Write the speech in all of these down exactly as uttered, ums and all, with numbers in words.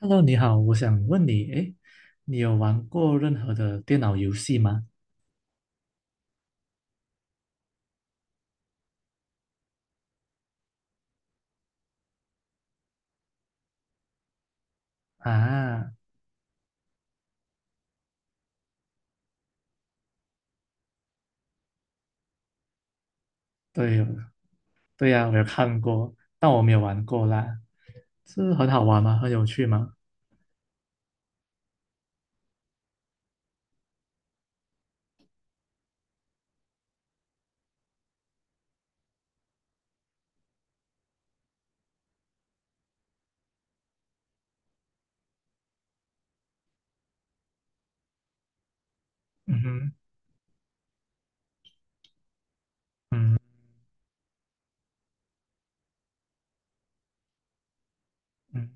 Hello，你好，我想问你，诶，你有玩过任何的电脑游戏吗？啊，对，对呀，我有看过，但我没有玩过啦。是很好玩吗？很有趣吗？嗯哼，嗯嗯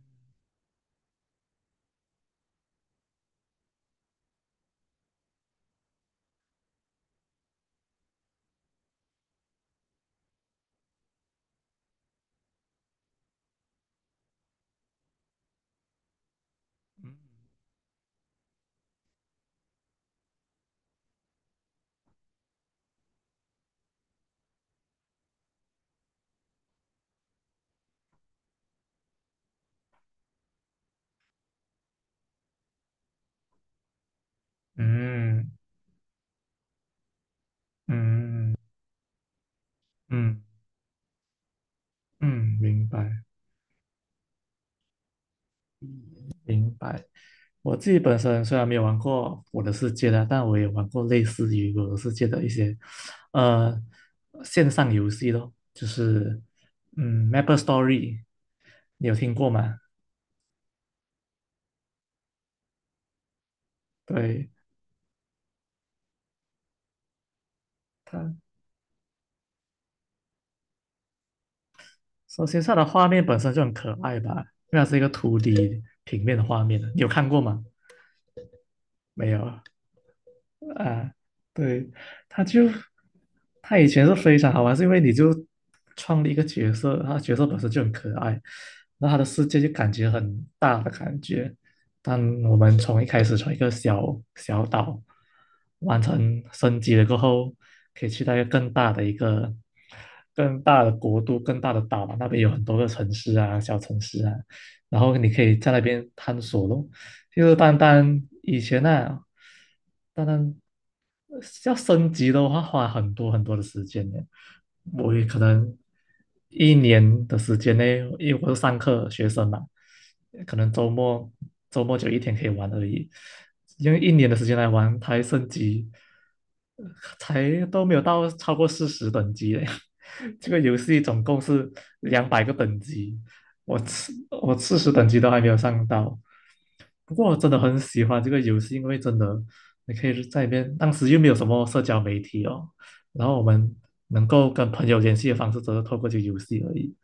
嗯嗯嗯嗯，嗯，明白。明白。我自己本身虽然没有玩过《我的世界》的，但我也玩过类似于《我的世界》的一些呃线上游戏咯，就是嗯，Maple Story，你有听过吗？对，它首先它的画面本身就很可爱吧，因为它是一个图 d 平面的画面，你有看过吗？没有啊，啊，对，他就他以前是非常好玩，是因为你就创立一个角色，他角色本身就很可爱，然后他的世界就感觉很大的感觉。但我们从一开始从一个小小岛完成升级了过后，可以去到一个更大的一个更大的国度、更大的岛嘛，那边有很多个城市啊、小城市啊，然后你可以在那边探索咯。就是单单以前那、啊，单单要升级的话，花很多很多的时间呢。我也可能一年的时间内，因为我是上课学生嘛，可能周末周末就一天可以玩而已。用一年的时间来玩，才升级，才都没有到超过四十等级嘞。这个游戏总共是两百个等级，我四我四十等级都还没有上到，不过我真的很喜欢这个游戏，因为真的你可以在里面，当时又没有什么社交媒体哦，然后我们能够跟朋友联系的方式，只是透过这个游戏而已，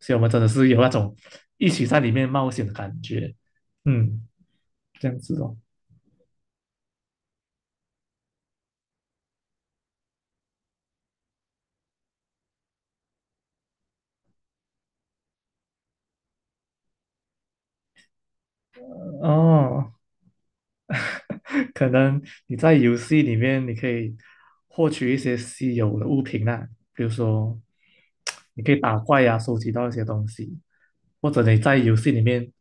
所以我们真的是有那种一起在里面冒险的感觉，嗯，这样子哦，哦，可能你在游戏里面你可以获取一些稀有的物品啊，比如说你可以打怪呀、收集到一些东西，或者你在游戏里面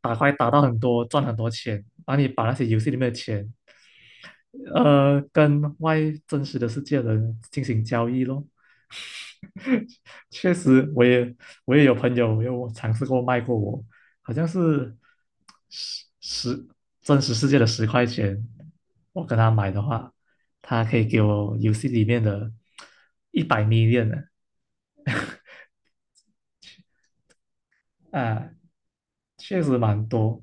打怪打到很多，赚很多钱，然后你把那些游戏里面的钱，呃，跟外真实的世界的人进行交易咯。确实，我也我也有朋友有尝试过卖过我，好像是十十真实世界的十块钱，我跟他买的话，他可以给我游戏里面的一百 m i l 呢，啊，确实蛮多。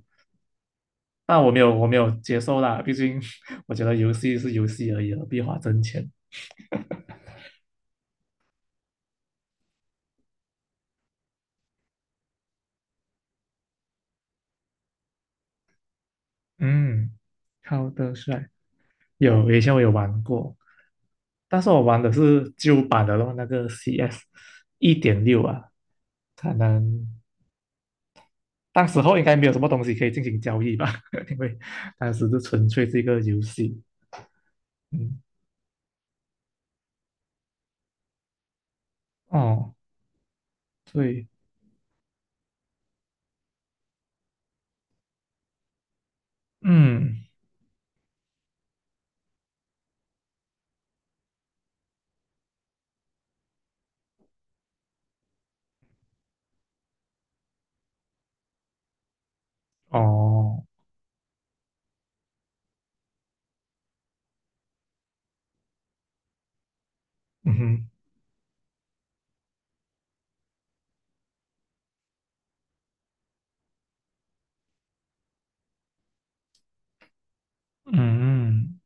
但我没有我没有接受啦，毕竟 我觉得游戏是游戏而已，何必花真钱？嗯，好的帅，有以前我有玩过，但是我玩的是旧版的咯，那个 C S 一点六啊，可能当时候应该没有什么东西可以进行交易吧，因为当时就纯粹是一个游戏。嗯，哦，对，嗯，哦，嗯哼，嗯。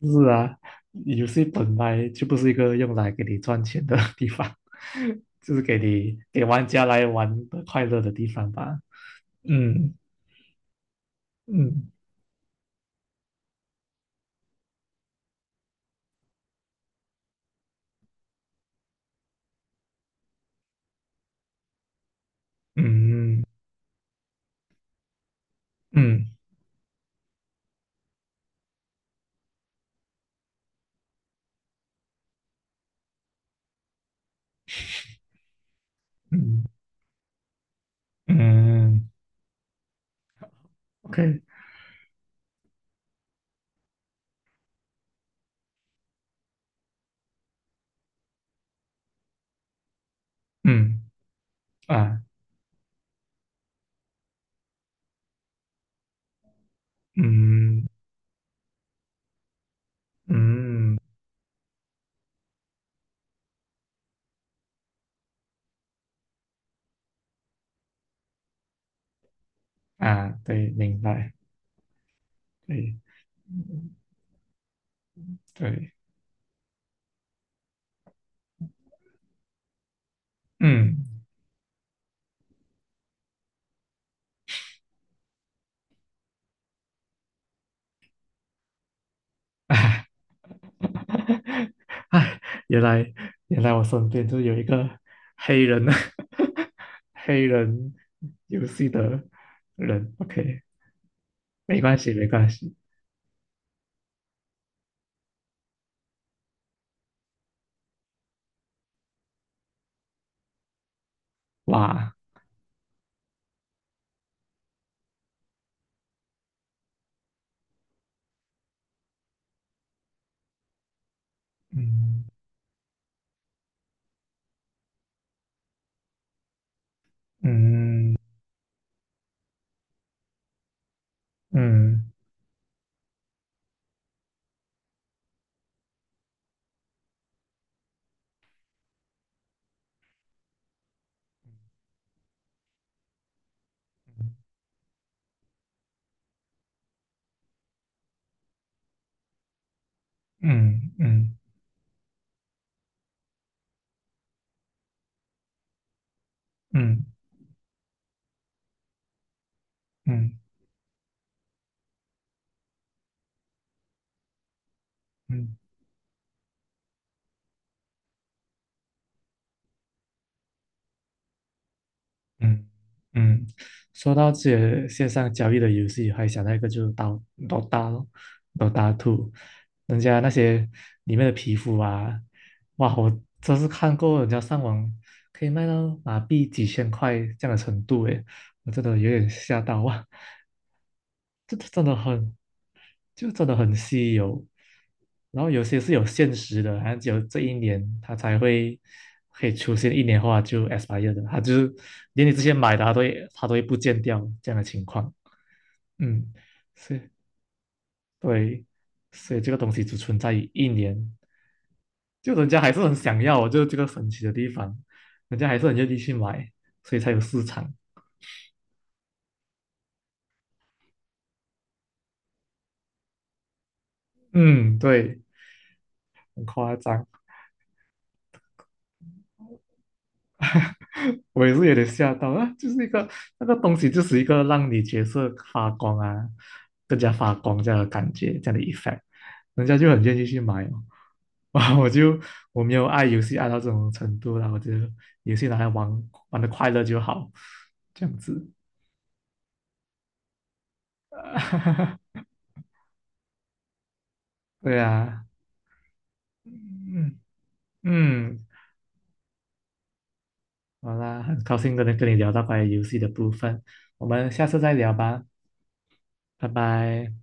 是啊，游戏本来就不是一个用来给你赚钱的 地方，就是给你给玩家来玩的快乐的地方吧。嗯嗯嗯嗯嗯嗯，OK，嗯啊嗯嗯啊，对，明白，对嗯对，嗯。哈哈，哎，原来原来我身边就有一个黑人 黑人游戏的人。OK，没关系，没关系。哇，嗯嗯嗯嗯嗯嗯嗯嗯嗯嗯嗯，说到这些线上交易的游戏，还想到一个就是刀刀大咯，刀大 t 人家那些里面的皮肤啊，哇，我真是看过人家上网可以卖到马币几千块这样的程度，诶，我真的有点吓到哇，这真的很就真的很稀有。然后有些是有限时的，好像只有这一年它才会可以出现一年后它就 expire 的，它就是连你之前买的它都会它都会不见掉这样的情况。嗯，是，对，所以这个东西只存在于一年，就人家还是很想要，就是这个神奇的地方，人家还是很愿意去买，所以才有市场。嗯，对，很夸张。我也是有点吓到啊，就是一个那个东西，就是一个让你角色发光啊，更加发光这样的感觉，这样的 effect，人家就很愿意去买哦。哇，我就我没有爱游戏爱到这种程度啦，我觉得游戏拿来玩玩的快乐就好，这样子。对啊，嗯嗯，嗯好啦，很高兴跟你跟你聊到关于游戏的部分，我们下次再聊吧，拜拜。